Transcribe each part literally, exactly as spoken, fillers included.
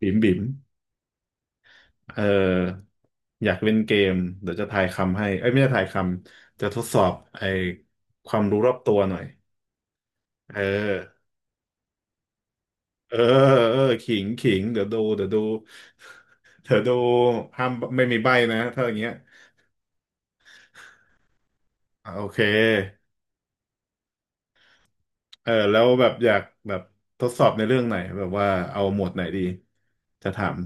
บิ๋มบิ๋มเอออยากเล่นเกมเดี๋ยวจะทายคำให้เอ้ยไม่ใช่ทายคำ จะทดสอบไอ้ความรู้รอบตัวหน่อย เออเออเออขิงขิงเดี๋ยวดูเดี๋ยวดูเดี๋ยวดูห้ามไม่มีใบ้นะถ้าอย่างเงี้ยอ่ะโอเคเออแล้วแบบอยากแบบทดสอบในเรื่องไหน แบบว่าเอาหมวดไหนดี จะถาม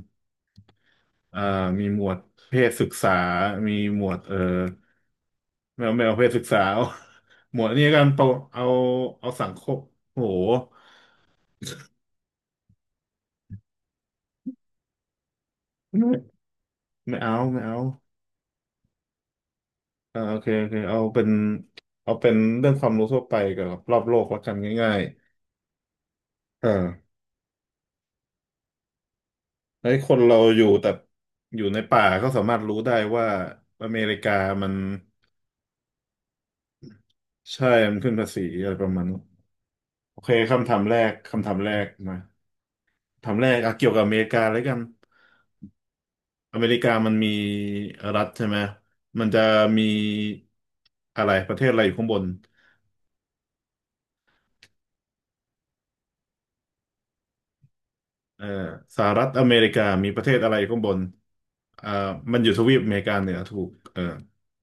อ่ามีหมวดเพศศึกษา มีหมวดเอ่อ ไม่เอาไม่เอาเพศศึกษา เอาหมวดอันนี้กันโตเอาเอาสังคมโหไม่ไม่เอาไม่เอาอ่าโอเคโอเคเอาเป็นเอาเป็นเรื่องความรู้ทั่วไปกับรอบโลกแล้วกันง่ายๆเออไอ้คนเราอยู่แต่อยู่ในป่าก็สามารถรู้ได้ว่าอเมริกามันใช่มันขึ้นภาษีอะไรประมาณนี้นโอเคคำถามแรกคำถามแรกมาคำถามแรกเอาเกี่ยวกับอเมริกาแล้วกัน อเมริกามันมีรัฐใช่ไหม มันจะมีอะไรประเทศอะไรอยู่ข้างบนเอ่อสหรัฐอเมริกามีประเทศอะไรอยู่ข้างบนอ่ามันอยู่ทวีปอเมริกาเหนือถูกเออ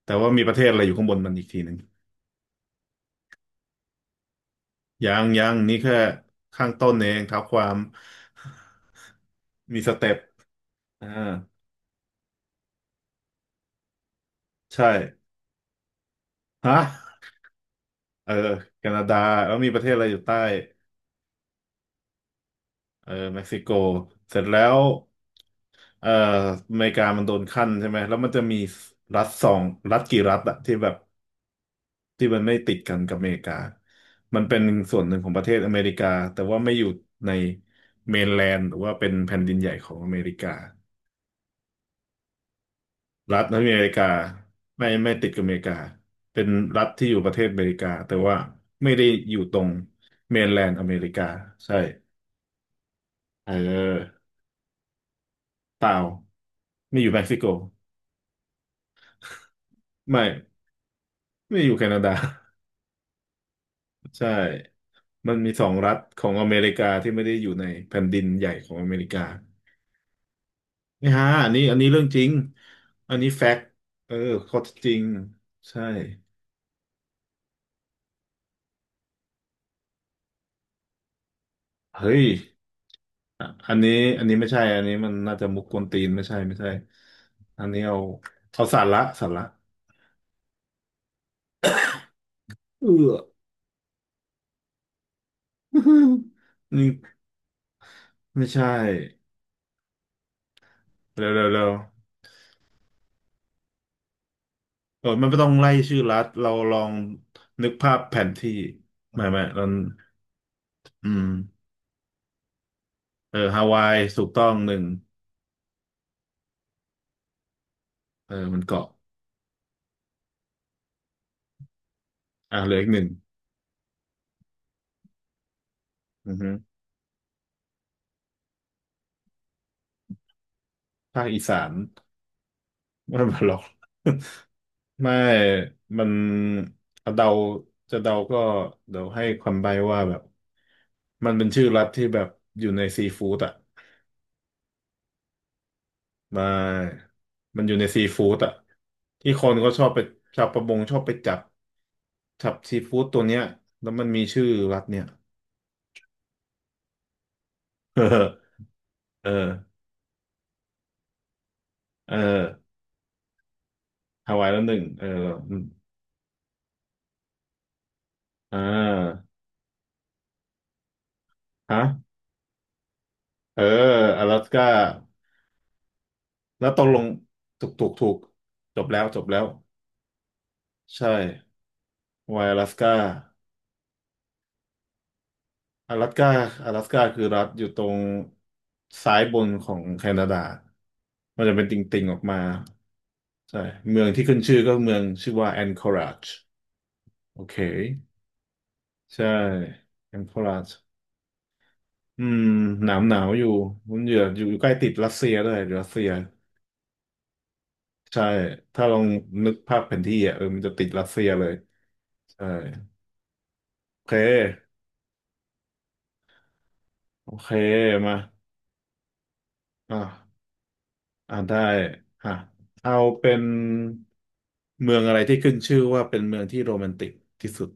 แต่ว่ามีประเทศอะไรอยู่ข้างบนมันอีกทีหนึ่งยังยังนี่แค่ข้างต้นเองเท้าความ มีสเต็ปอ่าใช่ฮะเออแคนาดาแล้วมีประเทศอะไรอยู่ใต้เออเม็กซิโกเสร็จแล้ว เอ่ออเมริกามันโดนขั้นใช่ไหมแล้วมันจะมีรัฐสองรัฐกี่รัฐอะที่แบบที่มันไม่ติดกันกับอเมริกามันเป็นส่วนหนึ่งของประเทศอเมริกาแต่ว่าไม่อยู่ในเมนแลนด์หรือว่าเป็นแผ่นดินใหญ่ของอเมริการัฐในอเมริกาไม่ไม่ติดกับอเมริกาเป็นรัฐที่อยู่ประเทศอเมริกาแต่ว่าไม่ได้อยู่ตรงเมนแลนด์อเมริกาใช่เออเปล่าไม่อยู่เม็กซิโกไม่ไม่อยู่แคนาดา ใช่ มันมีสองรัฐของอเมริกาที่ไม่ได้อยู่ในแผ่นดินใหญ่ของอเมริกานี่ฮะอันนี้อันนี้เรื่องจริงอันนี้แฟกต์เออข้อเท็จจริงใช่เฮ้ยอ่ะอันนี้อันนี้ไม่ใช่อันนี้มันน่าจะมุกกวนตีนไม่ใช่ไม่ใช่อันนี้เอาเอาสาระสาระเออ นี่ไม่ใช่เร็วเร็วเร็วเออมันไม่ต้องไล่ชื่อรัฐเราลองนึกภาพแผนที่ไม่ไม่เราอืมเออฮาวายถูกต้องหนึ่ง เออมันเกาะอ่ะเหลืออีกหนึ่งอือฮึภาคอีสานไม่มาหรอก ไม่มันเดา จะเดาก็เดี๋ยวให้ความใบ้ว่าแบบมันเป็นชื่อรัฐที่แบบอยู่ในซีฟู้ดอ่ะไมามันอยู่ในซีฟู้ดอ่ะที่คนก็ชอบไปชาวประมงชอบไปจับจับซีฟู้ดตัวเนี้ยแล้วมันมีชื่อรัฐเนี่ย เออ เออเออฮาวายแล้วหนึ่งเอออมอ่าฮะ เอออลาสก้า แล้วตกลงถูกถูกถูกจบแล้วจบแล้วใช่ไวอลาสก้าอลาสก้าอลาสก้าคือรัฐอยู่ตรงซ้ายบนของแคนาดามันจะเป็นติ่งๆออกมาใช่เมืองที่ขึ้นชื่อก็เมืองชื่อว่าแอนคอราจโอเคใช่แอนคอราจอืมหนาวหนาวอยู่มันอยู่อยู่ใกล้ติดรัสเซียด้วยรัสเซียใช่ถ้าลองนึกภาพแผนที่อ่ะเออมันจะติดรัสเซียเลยใช่โอเคโอเคมา อ่าอ่าได้อ่ะเอาเป็นเมืองอะไรที่ขึ้นชื่อว่าเป็นเมืองที่โรแมนติกที่สุด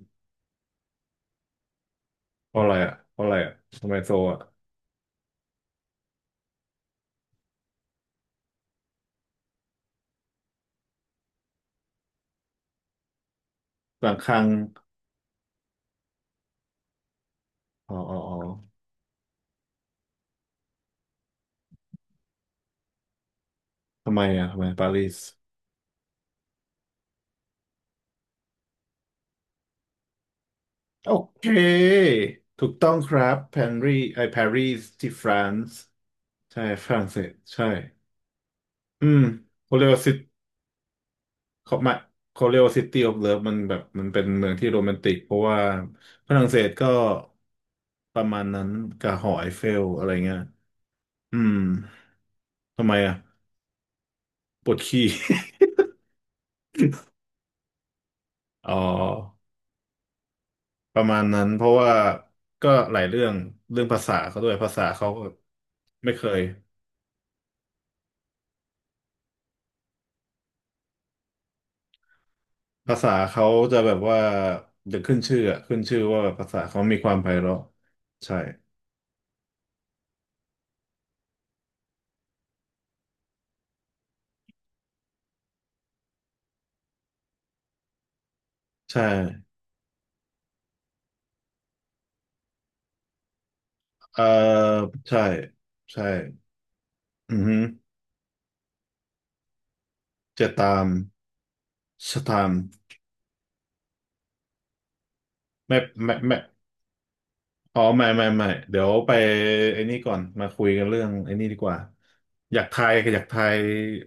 เพราะอะไรอ่ะเพราะอะไรอ่ะทำไมโซอ่ะบางครั้งอ๋ออ๋ออ๋อทำไมอ่ะทำไมปารีสโอเคถูกต้องครับปารีสไอปารีสที่ฝรั่งใช่ฝรั่งเศสใช่อืมโอเลวาซิ เขาหมายเขาเรียกว่าซิตี้ออฟเลิฟมันแบบมันเป็นเมืองที่โรแมนติกเพราะว่าฝรั่งเศสก็ประมาณนั้นกับหอไอเฟลอะไรเงี้ยอืมทำไมอ่ะปวดขี้ อ๋อประมาณนั้นเพราะว่าก็หลายเรื่องเรื่องภาษาเขาด้วยภาษาเขาก็ไม่เคยภาษาเขาจะแบบว่าเดขึ้นชื่ออะขึ้นชื่อว่าภาษาเขามีความไพเราะใช่ใช่เออใช่ใช่อือฮึจะตาม สถามปไม่ไม่ไม่อ๋อไม่ไม่ไม่เดี๋ยวไปไอ้นี่ก่อนมาคุยกันเรื่องไอ้นี่ดีกว่าอยากทายอยากทาย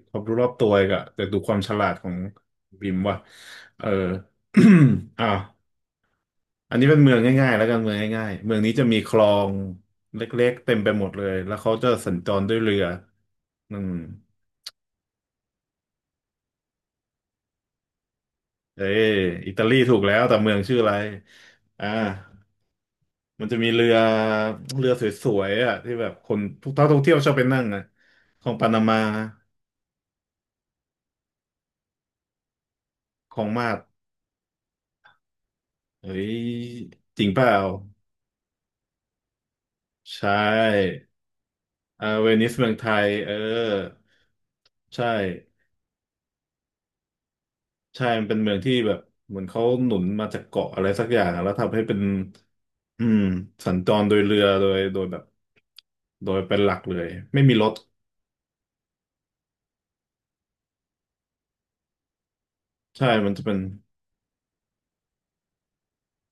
ความรู้รอบตัวอีกอะแต่ดูความฉลาดของบิมว่ะเออ อ้าวอันนี้เป็นเมืองง่ายๆแล้วกันเมืองง่ายๆเมืองนี้จะมีคลองเล็กๆเต็มไปหมดเลยแล้วเขาจะสัญจรด้วยเรืออืมเอ้ยอิตาลีถูกแล้วแต่เมืองชื่ออะไรอ่า มันจะมีเรือเรือสวยๆอ่ะที่แบบคนทุกท่าท่องเที่ยวชอบไปนั่งนะของปานามาของมาดเฮ้ยจริงเปล่าใช่เออเวนิสเมืองไทยเออใช่ใช่มันเป็นเมืองที่แบบเหมือนเขาหนุนมาจากเกาะอะไรสักอย่างอะแล้วทำให้เป็นอืมสัญจรโดยเรือโดยโดยแบบโดยเป็นหลักเลยไม่มีรถใช่มันจะเป็น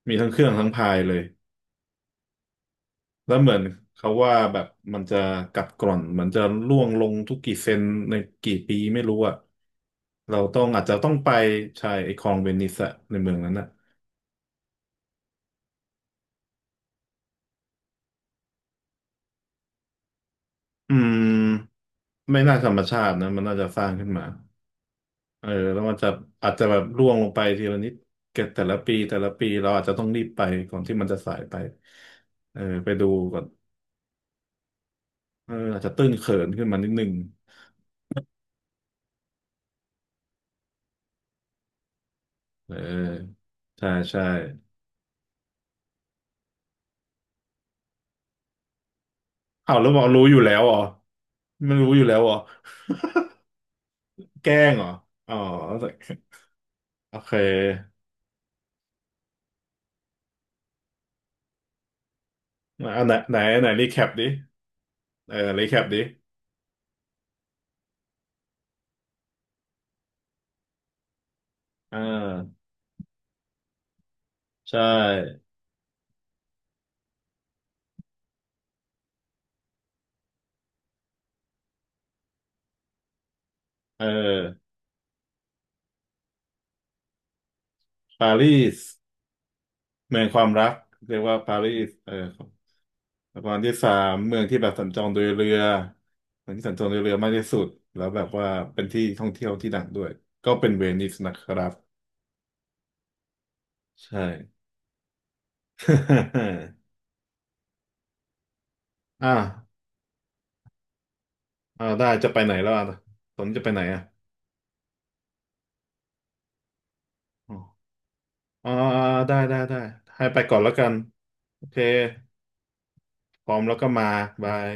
มีทั้งเครื่องทั้งพายเลย แล้วเหมือนเขาว่าแบบมันจะกัดกร่อนมันจะร่วงลงทุกกี่เซนในกี่ปีไม่รู้อะเราต้องอาจจะต้องไปใช่ไอ้คลองเวนิสอะในเมืองนั้นอะอืมไม่น่าธรรมชาตินะมันน่าจะสร้างขึ้นมาเออแล้วมันจะอาจจะแบบร่วงลงไปทีละนิดเกิดแต่ละปีแต่ละปีเราอาจจะต้องรีบไปก่อนที่มันจะสายไปเออไปดูก่อนเอออาจจะตื้นเขินขึ้นมานิดนึงเออใช่ใช่ อ้าวแล้วบอกรู้อยู่แล้วเหรอไม่รู้อยู่แล้วเหรอแกล้งเหรออ๋อโอเคเอาไหนไหนไหนรีแคปดิเออรีแคปดิอ่าใช่เออปารีสเมืองความรักเรียกว่าปารีสเออแล้วก็อันที่สามเมืองที่แบบสัญจรโดยเรือเมืองที่สัญจรโดยเรือมากที่สุดแล้วแบบว่าเป็นที่ท่องเที่ยวที่ดังด้วย ก็เป็นเวนิสนะครับใช่ อ่าอ่าได้จะไปไหนแล้วอ่ะตอนนี้จะไปไหนอ่ะ อ่าได้ได้ได้ให้ไปก่อนแล้วกันโอเคพร้อมแล้วก็มาบาย